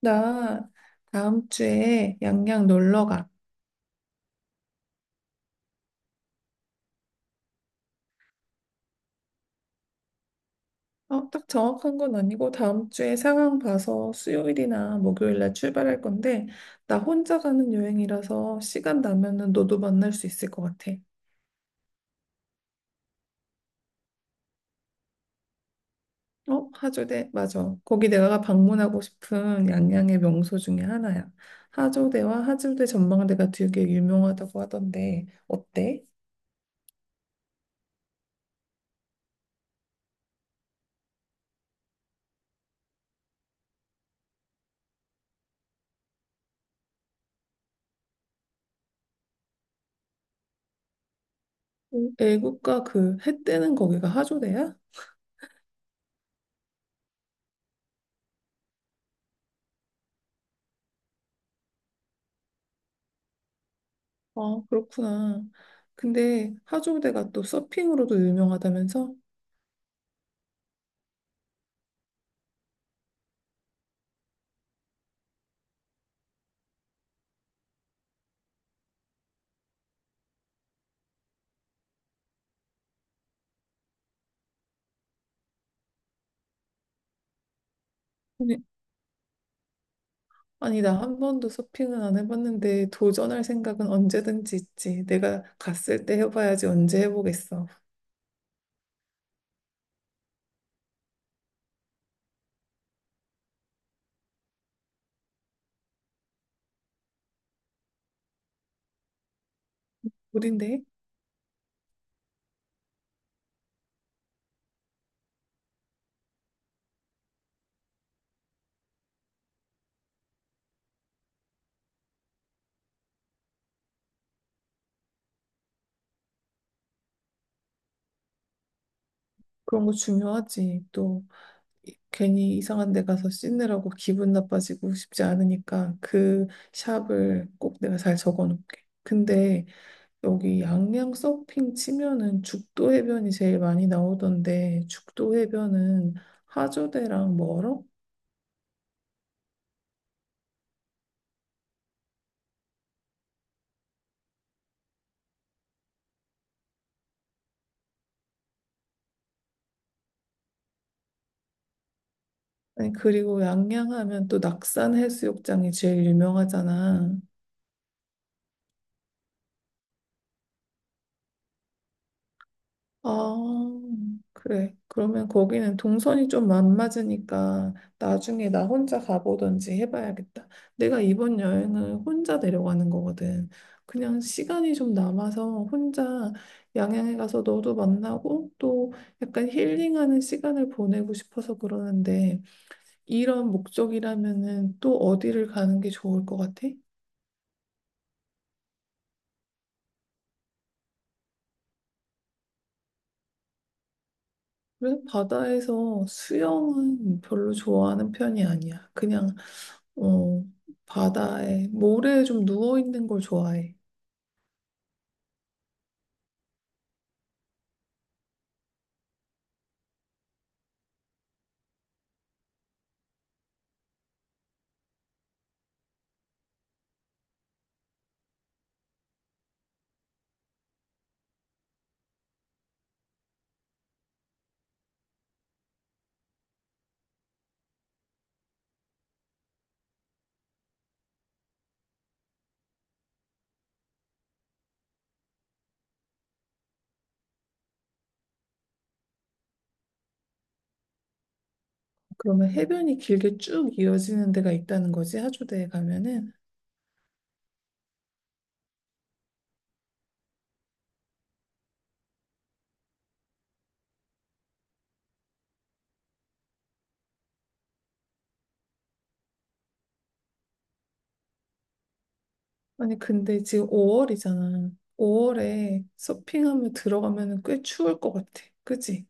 나 다음 주에 양양 놀러 가. 딱 정확한 건 아니고 다음 주에 상황 봐서 수요일이나 목요일 날 출발할 건데 나 혼자 가는 여행이라서 시간 나면은 너도 만날 수 있을 것 같아. 어, 하조대, 맞아. 거기 내가 방문하고 싶은 양양의 명소 중에 하나야. 하조대와 하조대 전망대가 되게 유명하다고 하던데, 어때? 음. 애국가 그 해 뜨는 거기가 하조대야? 아, 그렇구나. 근데 하조대가 또 서핑으로도 유명하다면서? 아니, 아니, 나 한 번도 서핑은 안 해봤는데 도전할 생각은 언제든지 있지. 내가 갔을 때 해봐야지 언제 해보겠어. 우린데? 그런 거 중요하지. 또 괜히 이상한 데 가서 씻느라고 기분 나빠지고 싶지 않으니까 그 샵을 꼭 내가 잘 적어놓을게. 근데 여기 양양 서핑 치면은 죽도 해변이 제일 많이 나오던데 죽도 해변은 하조대랑 멀어? 아니, 그리고 양양 하면 또 낙산 해수욕장이 제일 유명하잖아. 아, 그래. 그러면 거기는 동선이 좀 안 맞으니까 나중에 나 혼자 가보던지 해봐야겠다. 내가 이번 여행을 혼자 내려가는 거거든. 그냥 시간이 좀 남아서 혼자 양양에 가서 너도 만나고 또 약간 힐링하는 시간을 보내고 싶어서 그러는데 이런 목적이라면은 또 어디를 가는 게 좋을 것 같아? 그래서 바다에서 수영은 별로 좋아하는 편이 아니야. 어, 바다에, 모래에 좀 누워있는 걸 좋아해. 그러면 해변이 길게 쭉 이어지는 데가 있다는 거지, 하조대에 가면은. 아니, 근데 지금 5월이잖아. 5월에 서핑하면 들어가면 꽤 추울 것 같아. 그치?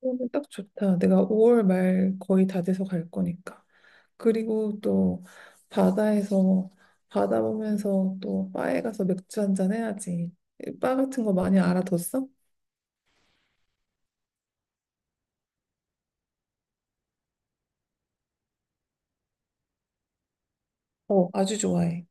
그러면 딱 좋다. 내가 5월 말 거의 다 돼서 갈 거니까. 그리고 또 바다에서 뭐 바다 보면서 또 바에 가서 맥주 한잔 해야지. 바 같은 거 많이 알아뒀어? 어, 아주 좋아해.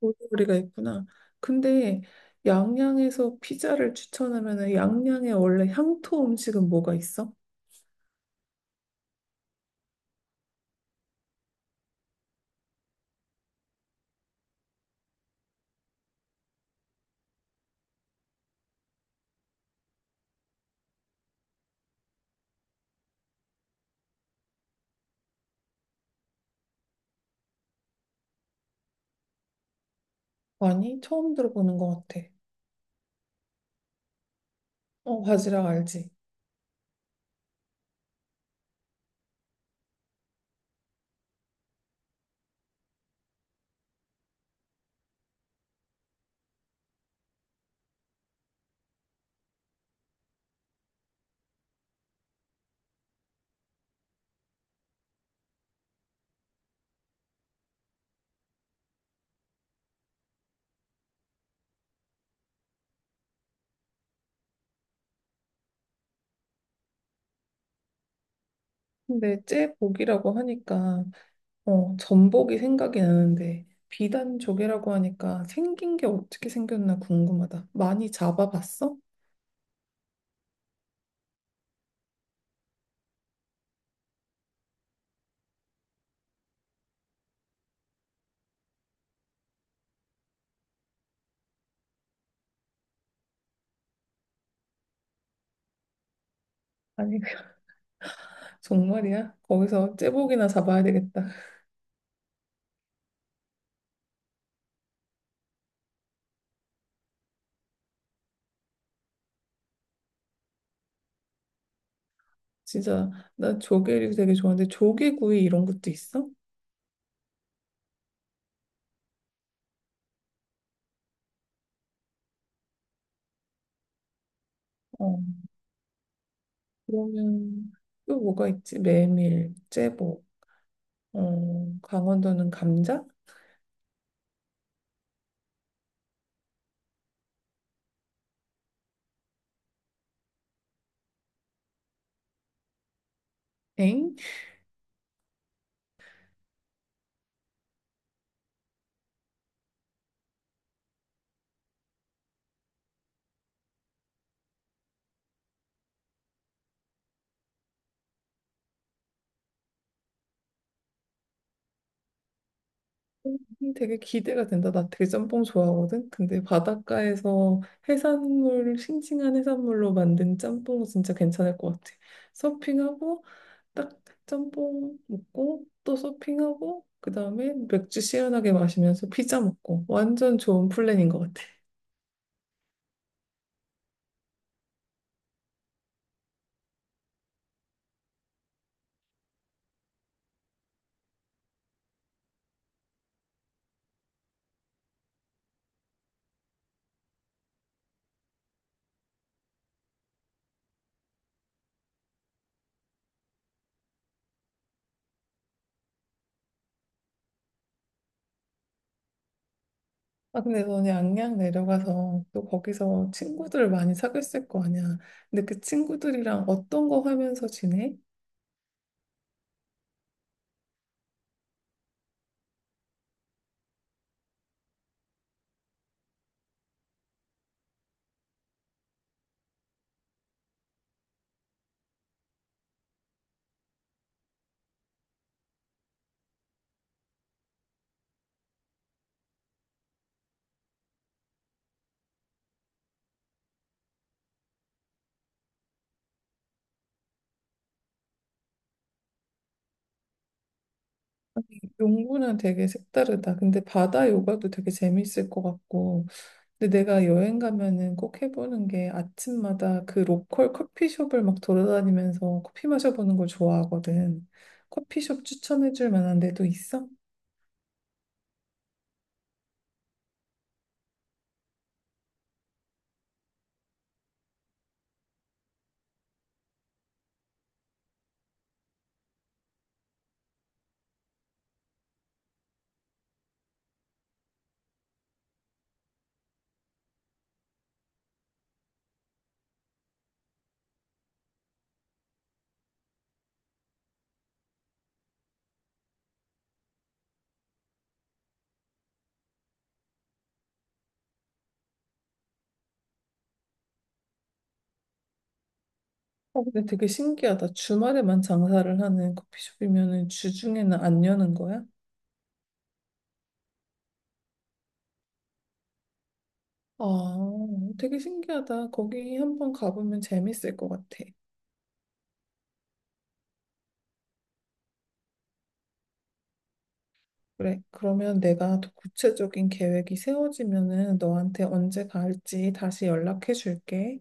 볼거리가 있구나. 근데 양양에서 피자를 추천하면은 양양에 원래 향토 음식은 뭐가 있어? 아니, 처음 들어보는 것 같아. 어, 바지락 알지? 근데 째복이라고 하니까 어, 전복이 생각이 나는데 비단조개라고 하니까 생긴 게 어떻게 생겼나 궁금하다. 많이 잡아봤어? 아니, 정말이야? 거기서 째복이나 잡아야 되겠다. 진짜 나 조개를 되게 좋아하는데 조개구이 이런 것도 있어? 어, 그러면 또 뭐가 있지? 메밀, 째복, 어, 강원도는 감자? 엥? 되게 기대가 된다. 나 되게 짬뽕 좋아하거든. 근데 바닷가에서 해산물, 싱싱한 해산물로 만든 짬뽕은 진짜 괜찮을 것 같아. 서핑하고 딱 짬뽕 먹고 또 서핑하고 그다음에 맥주 시원하게 마시면서 피자 먹고 완전 좋은 플랜인 것 같아. 아 근데 너는 양양 내려가서 또 거기서 친구들 많이 사귀었을 거 아니야. 근데 그 친구들이랑 어떤 거 하면서 지내? 농구는 되게 색다르다. 근데 바다 요가도 되게 재밌을 것 같고. 근데 내가 여행 가면은 꼭 해보는 게 아침마다 그 로컬 커피숍을 막 돌아다니면서 커피 마셔보는 걸 좋아하거든. 커피숍 추천해줄 만한 데도 있어? 어, 근데 되게 신기하다. 주말에만 장사를 하는 커피숍이면은 주중에는 안 여는 거야? 아, 되게 신기하다. 거기 한번 가보면 재밌을 것 같아. 그래, 그러면 내가 더 구체적인 계획이 세워지면은 너한테 언제 갈지 다시 연락해 줄게.